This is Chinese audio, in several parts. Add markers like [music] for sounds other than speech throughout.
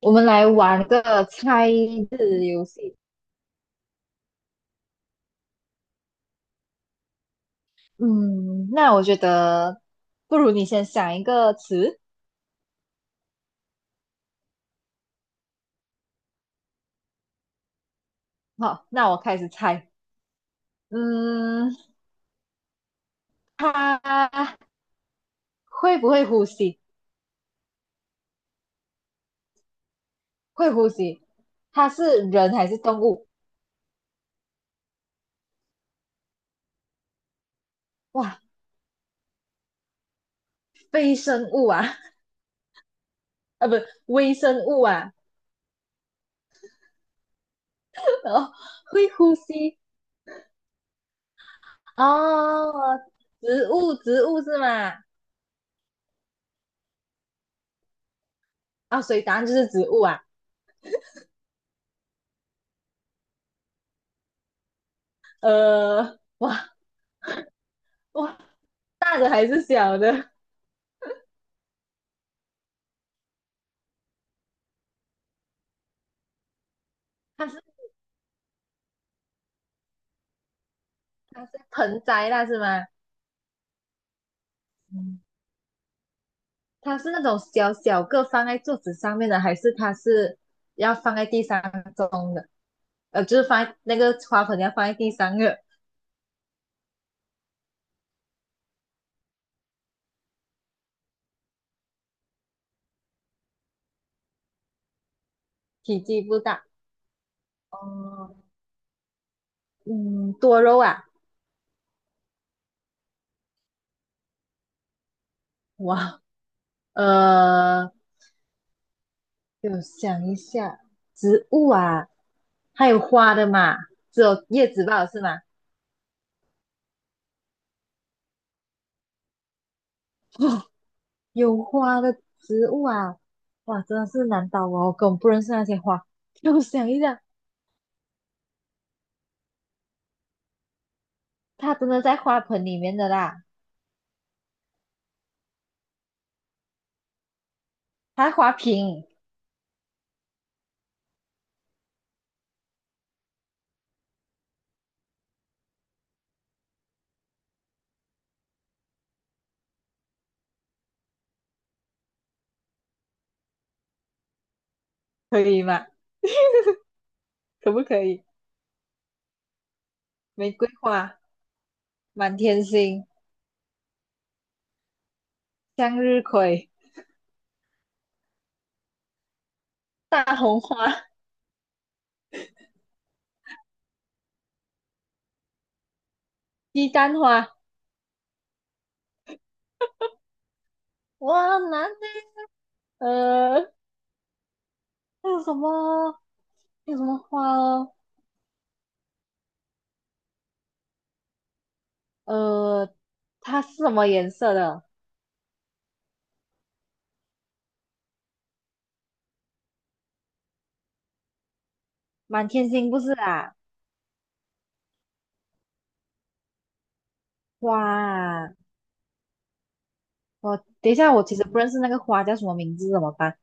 我们来玩个猜字游戏。嗯，那我觉得不如你先想一个词。好，那我开始猜。嗯，它会不会呼吸？会呼吸。它是人还是动物？哇，非生物啊。[laughs] 啊，不，微生物啊。[laughs] 哦，会呼吸哦，植物，是吗？啊，所以答案就是植物啊。呃，哇哇，大的还是小的？它是它是盆栽啦，是吗？嗯，它是那种小小个放在桌子上面的，还是它是要放在地上种的？就是放在那个花盆要放在地上的，体积不大。哦，嗯，多肉啊，哇，呃，我想一下，植物啊，还有花的嘛，只有叶子吧，是吗？[laughs] [gasps] 有花的植物啊，哇，真的是难倒我，我根本不认识那些花。[laughs] 让我想一下，它真的在花盆里面的啦，它花瓶可以吗？可不可以？玫瑰花、满天星、向日葵、大红花、鸡蛋花，哇，很难呢。呃，还有什么？还有什么花哦？呃，它是什么颜色的？满天星不是啊？哇，我等一下，我其实不认识那个花叫什么名字，怎么办？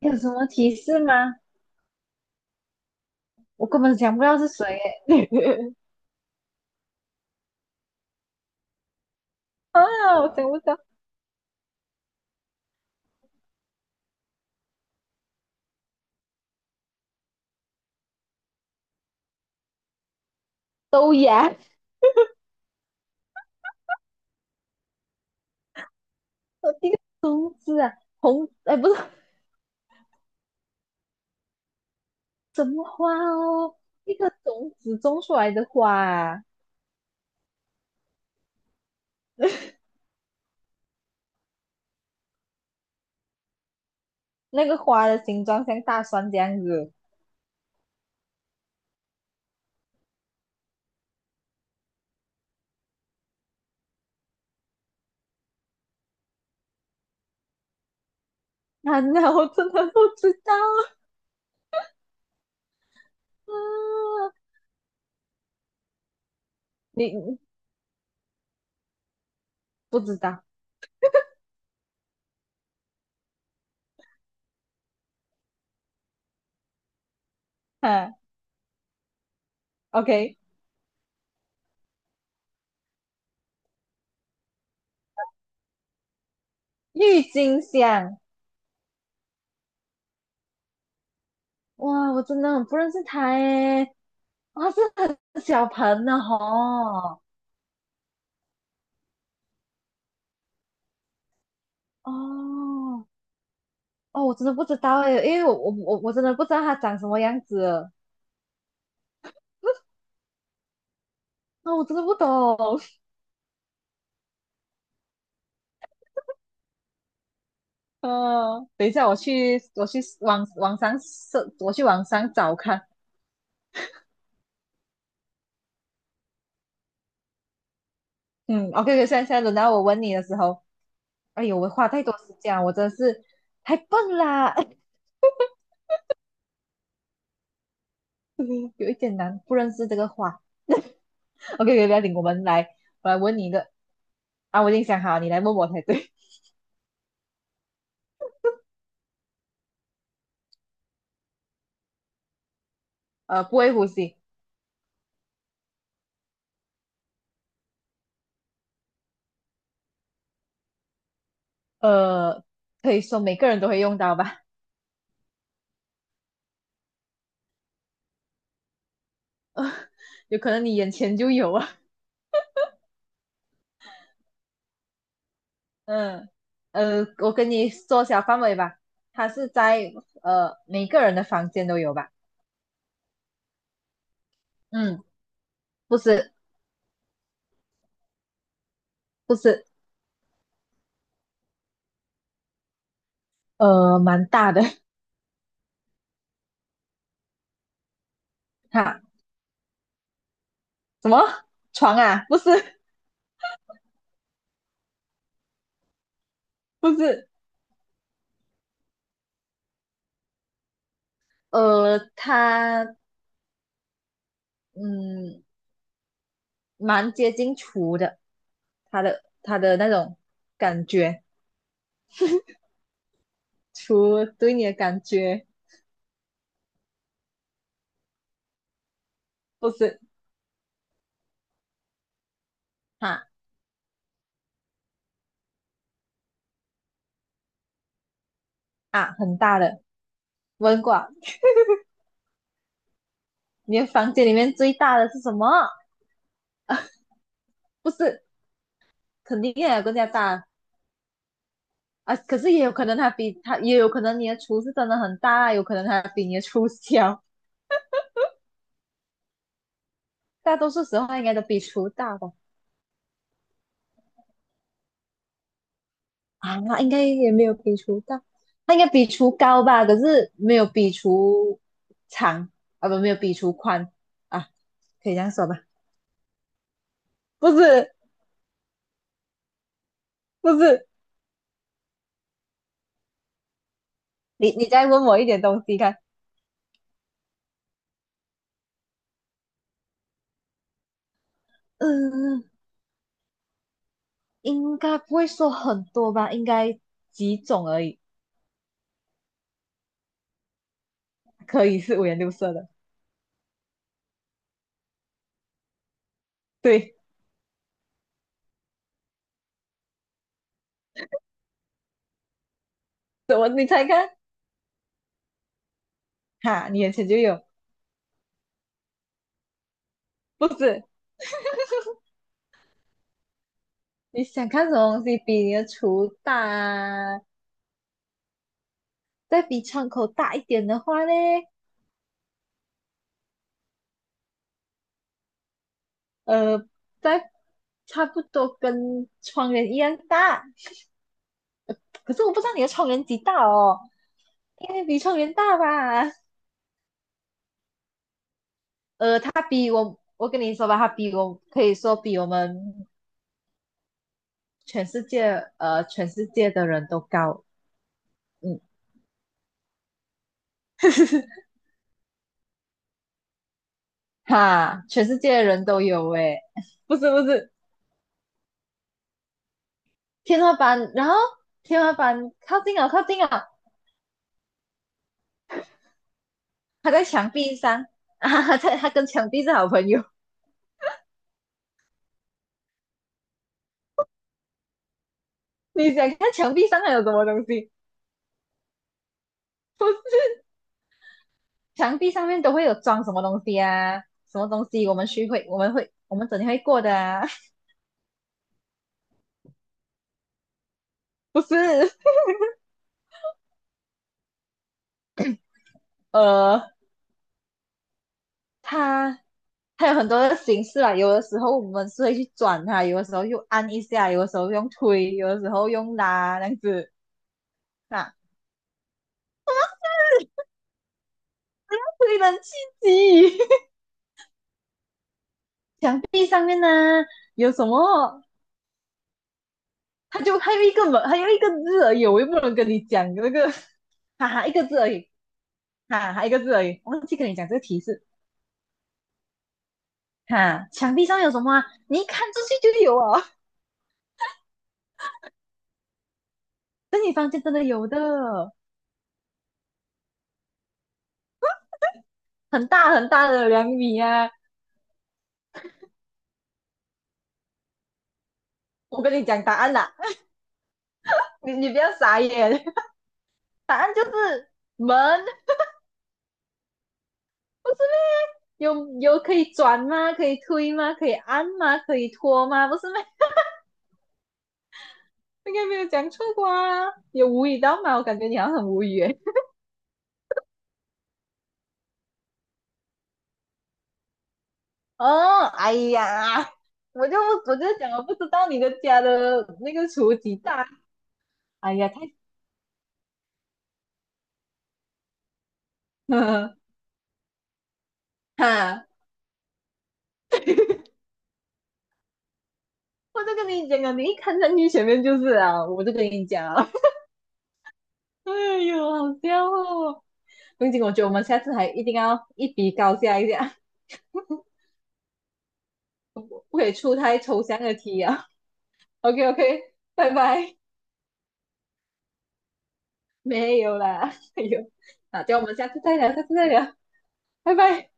有什么提示吗？我根本想不到是谁耶。[laughs] 啊，我想不到。豆芽，一个种子啊，红，哎，不是什么花哦，一个种子种出来的花啊那个花的形状像大蒜这样子。啊，那我真的不知道啊，你不知道？啊，OK,郁金香，哇，我真的很不认识它诶，哇，是很小盆的吼。哦，哦，我真的不知道诶，因为我真的不知道它长什么样子，那我真的不懂。等一下，我去，网上搜，我去网上找看。嗯OK，OK，现在轮到我问你的时候，哎呦，我花太多时间了，我真的是太笨啦。[laughs] 有一点难，不认识这个花。[laughs] OK，OK，不要紧，我们来，我来问你一个啊，我已经想好，你来问我才对。[laughs] 不会呼吸。呃，可以说每个人都会用到吧？有可能你眼前就有啊。嗯，我跟你缩小范围吧，它是在每个人的房间都有吧？嗯，不是不是。蛮大的。 [laughs] 哈，什么床啊？不是不是，呃，它嗯蛮接近厨的，它的那种感觉，厨对你的感觉不是哈啊很大的，问过啊。你的房间里面最大的是什么？不是，肯定也有更加大。啊，可是也有可能他比他，也有可能你的厨是真的很大啊有可能他比你的厨小，大多数时候他应该都比厨大吧？啊，那应该也没有比厨大，他应该比厨高吧？可是没有比厨长啊，不，没有比厨宽啊，可以这样说吧？不是，不是，你再问我一点东西看。嗯，应该不会说很多吧？应该几种而已，可以是五颜六色的。对，怎么你猜看？哈，你眼前就有，不是。你想看什么东西比你的厨大啊？再比窗口大一点的话呢，呃，再差不多跟窗帘一样大。可是我不知道你的窗帘几大哦，应该比窗帘大吧？呃，它比我，我跟你说吧，它比我可以说比我们全世界，全世界的人都高。嗯，[laughs] 哈，全世界的人都有诶。[laughs] 不是不是，天花板，然后天花板靠近了，靠近了。他在墙壁上啊。[laughs] 在他跟墙壁是好朋友。[laughs] 你想看墙壁上还有什么东西？墙壁上面都会有装什么东西啊？什么东西我们去会，我们会，我们整天会过的啊？[laughs] 不是，呃，它它有很多的形式啊。有的时候我们是会去转它，有的时候又按一下，有的时候用推，有的时候用拉，这样子啊。[laughs] 令人刺激。[laughs] 墙壁上面呢有什么，他就还有一个门，还有一个字而已，我又不能跟你讲那个。哈哈，一个字而已，忘记跟你讲这个提示。哈，墙壁上有什么啊？你一看出去就有啊，在你房间真的有的，很大很大的2米啊！我跟你讲答案啦、你不要傻眼，答案就是门，有有可以转吗？可以推吗？可以按吗？可以拖吗？不是吗？应该没有讲错过啊，有无语到吗？我感觉你好像很无语诶。哦，哎呀，我就我就讲我不知道你的家的那个厨几大，哎呀，太。[laughs] 呵哈，我就跟你讲啊，你一看上去前面就是啊，我就跟你讲啊，[laughs] 哎呦，好笑哦。风景，我觉得我们下次还一定要一比高下一下。[laughs] 不可以出太抽象的题啊。OK OK,拜拜。[laughs] 没有啦，哎呦，那叫我们下次再聊，下次再聊，拜拜。